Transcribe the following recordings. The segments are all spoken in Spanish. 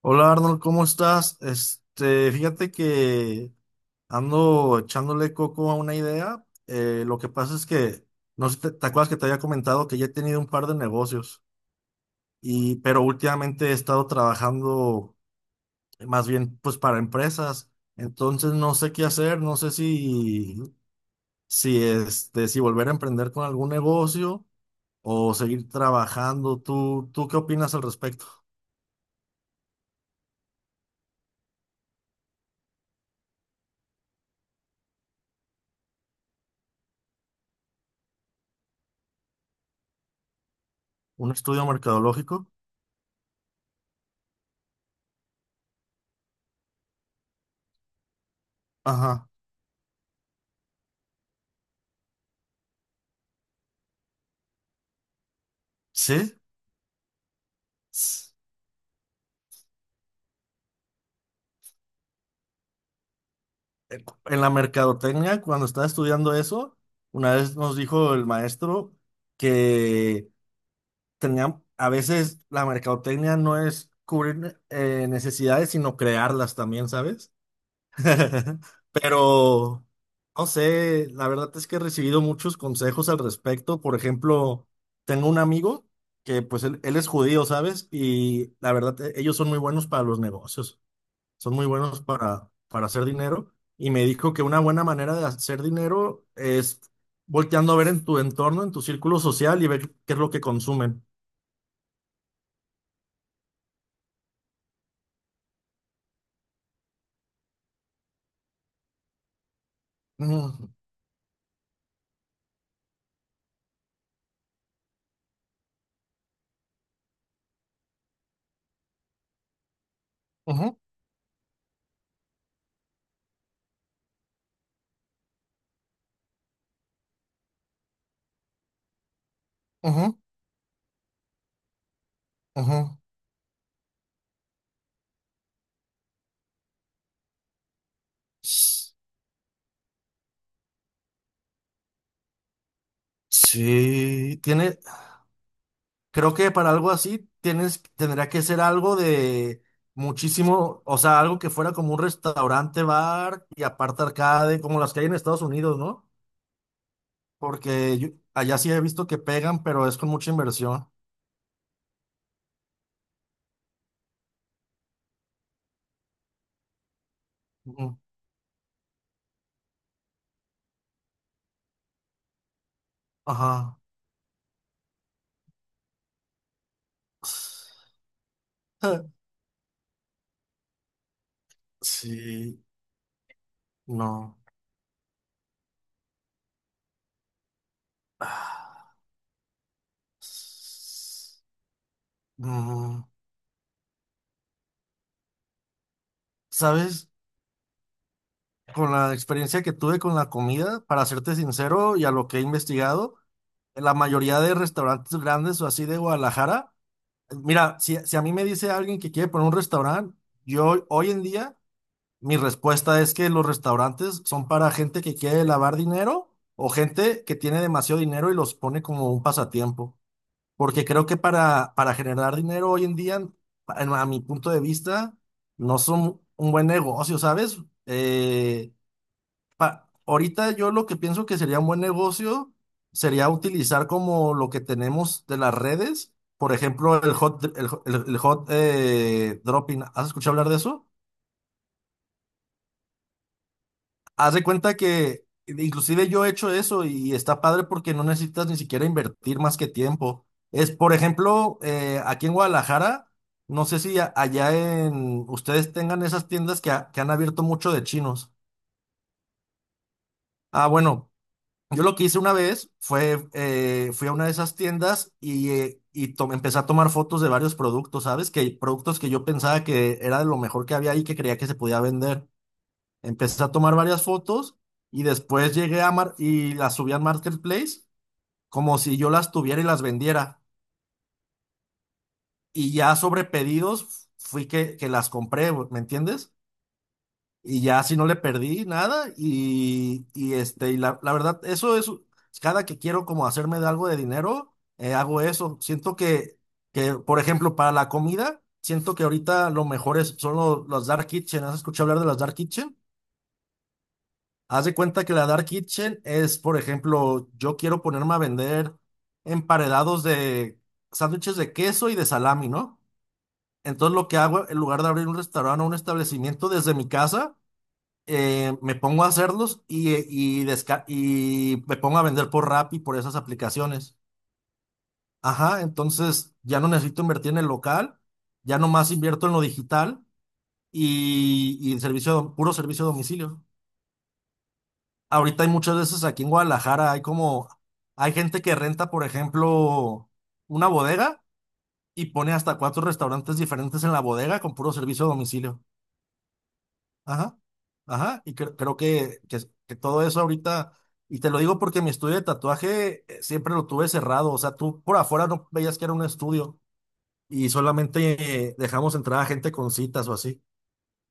Hola Arnold, ¿cómo estás? Fíjate que ando echándole coco a una idea. Lo que pasa es que, no sé, te acuerdas que te había comentado que ya he tenido un par de negocios, pero últimamente he estado trabajando más bien pues para empresas. Entonces no sé qué hacer, no sé si, si volver a emprender con algún negocio o seguir trabajando. ¿Tú qué opinas al respecto? ¿Un estudio mercadológico? Ajá. ¿Sí? En la mercadotecnia, cuando estaba estudiando eso, una vez nos dijo el maestro que tenían, a veces la mercadotecnia no es cubrir necesidades, sino crearlas también, ¿sabes? Pero, no sé, la verdad es que he recibido muchos consejos al respecto. Por ejemplo, tengo un amigo que pues él es judío, ¿sabes? Y la verdad, ellos son muy buenos para los negocios, son muy buenos para, hacer dinero. Y me dijo que una buena manera de hacer dinero es volteando a ver en tu entorno, en tu círculo social y ver qué es lo que consumen. Ujú, ujú, ujú, ujú. S- Sí. Creo que para algo así tendría que ser algo de muchísimo, o sea, algo que fuera como un restaurante, bar y aparte arcade, como las que hay en Estados Unidos, ¿no? Porque allá sí he visto que pegan, pero es con mucha inversión. Ajá. Sí, no. Ah. Mm, ¿Sabes? Con la experiencia que tuve con la comida, para serte sincero y a lo que he investigado, la mayoría de restaurantes grandes o así de Guadalajara, mira, si, a mí me dice alguien que quiere poner un restaurante, yo hoy en día, mi respuesta es que los restaurantes son para gente que quiere lavar dinero o gente que tiene demasiado dinero y los pone como un pasatiempo. Porque creo que para, generar dinero hoy en día, a mi punto de vista, no son un buen negocio, ¿sabes? Eh, ahorita yo lo que pienso que sería un buen negocio sería utilizar como lo que tenemos de las redes, por ejemplo, el hot dropping. ¿Has escuchado hablar de eso? Haz de cuenta que inclusive yo he hecho eso y está padre porque no necesitas ni siquiera invertir más que tiempo. Es, por ejemplo, aquí en Guadalajara, no sé si allá en ustedes tengan esas tiendas que han abierto mucho de chinos. Ah, bueno, yo lo que hice una vez fue, fui a una de esas tiendas y empecé a tomar fotos de varios productos, ¿sabes? Que productos que yo pensaba que era de lo mejor que había ahí que creía que se podía vender. Empecé a tomar varias fotos y después llegué a Mar y las subí a Marketplace como si yo las tuviera y las vendiera. Y ya sobre pedidos fui que, las compré, güey, ¿me entiendes? Y ya así no le perdí nada y la verdad, eso es, cada que quiero como hacerme de algo de dinero, hago eso. Siento que, por ejemplo, para la comida, siento que ahorita lo mejor es, son los dark kitchen. ¿Has escuchado hablar de las dark kitchen? Haz de cuenta que la Dark Kitchen es, por ejemplo, yo quiero ponerme a vender emparedados de sándwiches de queso y de salami, ¿no? Entonces lo que hago, en lugar de abrir un restaurante o un establecimiento desde mi casa, me pongo a hacerlos y me pongo a vender por Rappi, por esas aplicaciones. Ajá, entonces ya no necesito invertir en el local, ya nomás invierto en lo digital y servicio, puro servicio a domicilio. Ahorita hay muchas veces aquí en Guadalajara, hay gente que renta, por ejemplo, una bodega y pone hasta cuatro restaurantes diferentes en la bodega con puro servicio a domicilio. Ajá, ajá, y creo que todo eso ahorita, y te lo digo porque mi estudio de tatuaje siempre lo tuve cerrado, o sea, tú por afuera no veías que era un estudio y solamente dejamos entrar a gente con citas o así,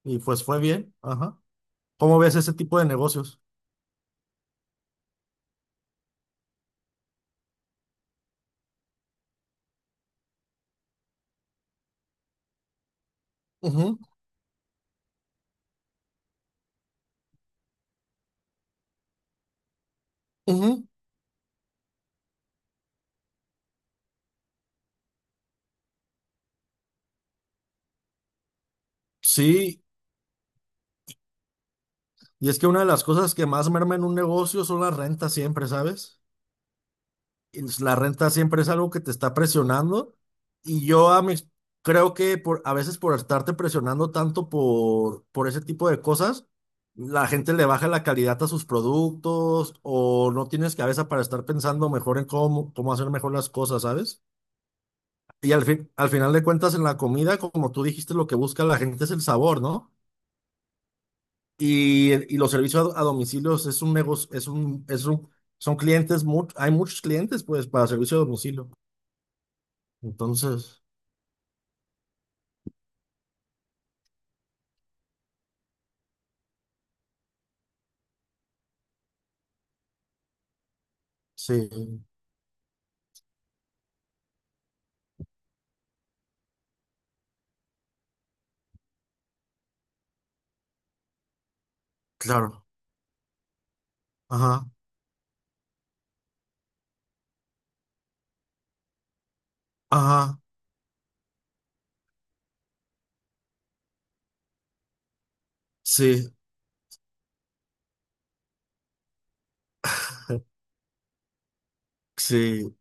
y pues fue bien, ajá. ¿Cómo ves ese tipo de negocios? Ujú, ujú. Sí, y es que una de las cosas que más merma en un negocio son las rentas siempre, ¿sabes? La renta siempre es algo que te está presionando y yo a mis- creo que por, a veces por estarte presionando tanto por ese tipo de cosas, la gente le baja la calidad a sus productos o no tienes cabeza para estar pensando mejor en cómo hacer mejor las cosas, ¿sabes? Y al final de cuentas en la comida, como tú dijiste, lo que busca la gente es el sabor, ¿no? Y los servicios a, domicilios es un negocio, son clientes, hay muchos clientes pues para servicio a domicilio. Entonces, sí, claro. Ajá, ajá, sí, sí.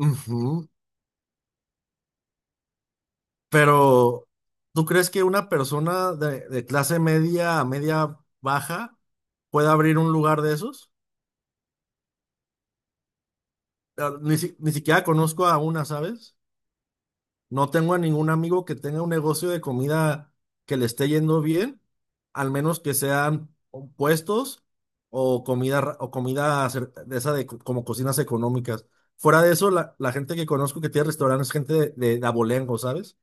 Ujú. Pero, ¿tú crees que una persona de clase media a media baja pueda abrir un lugar de esos? Ah, ni siquiera conozco a una, ¿sabes? No tengo a ningún amigo que tenga un negocio de comida que le esté yendo bien, al menos que sean o puestos o comida de esa como cocinas económicas. Fuera de eso, la gente que conozco que tiene restaurantes es gente de abolengo, ¿sabes?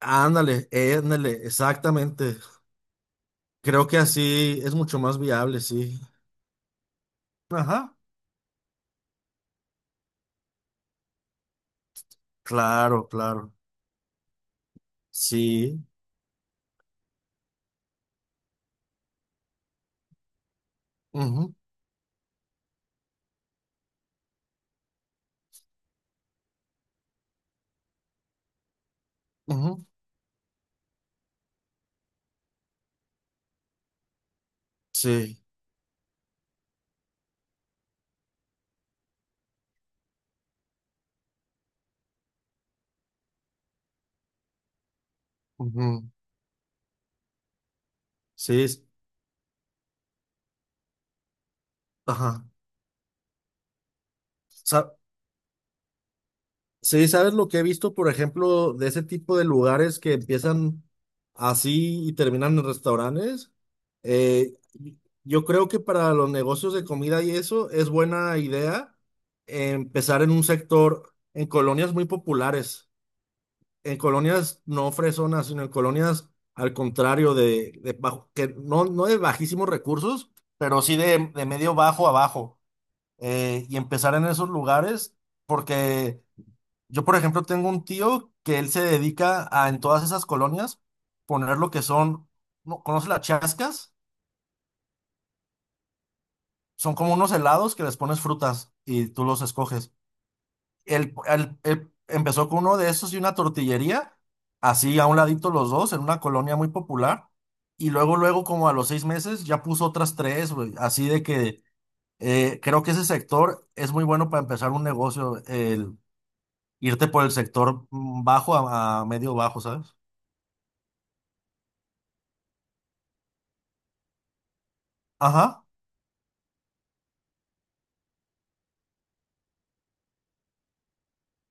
Ándale, ándale, exactamente. Creo que así es mucho más viable, sí. Ajá, claro, claro. Sí. Ujú, ujú, sí. Ujú, sí. Ajá. Sa- Sí, ¿sabes lo que he visto, por ejemplo, de ese tipo de lugares que empiezan así y terminan en restaurantes? Eh, yo creo que para los negocios de comida y eso es buena idea empezar en un sector, en colonias muy populares, en colonias no fresonas, sino en colonias al contrario de que no, no de bajísimos recursos, pero sí de medio bajo a bajo. Y empezar en esos lugares porque... Yo, por ejemplo, tengo un tío que él se dedica a en todas esas colonias poner lo que son, ¿no? ¿Conoce las chascas? Son como unos helados que les pones frutas y tú los escoges. Él empezó con uno de esos y una tortillería, así a un ladito los dos, en una colonia muy popular. Y luego, luego, como a los 6 meses, ya puso otras tres, güey. Así de que creo que ese sector es muy bueno para empezar un negocio, el irte por el sector bajo a medio bajo, ¿sabes? Ajá.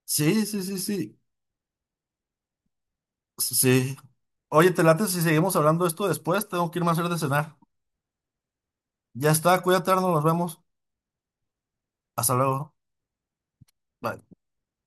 Sí, sí, sí, sí. Sí. Oye, te late si seguimos hablando de esto después. Tengo que irme a hacer de cenar. Ya está, cuídate, Arnold, nos vemos. Hasta luego. Bye.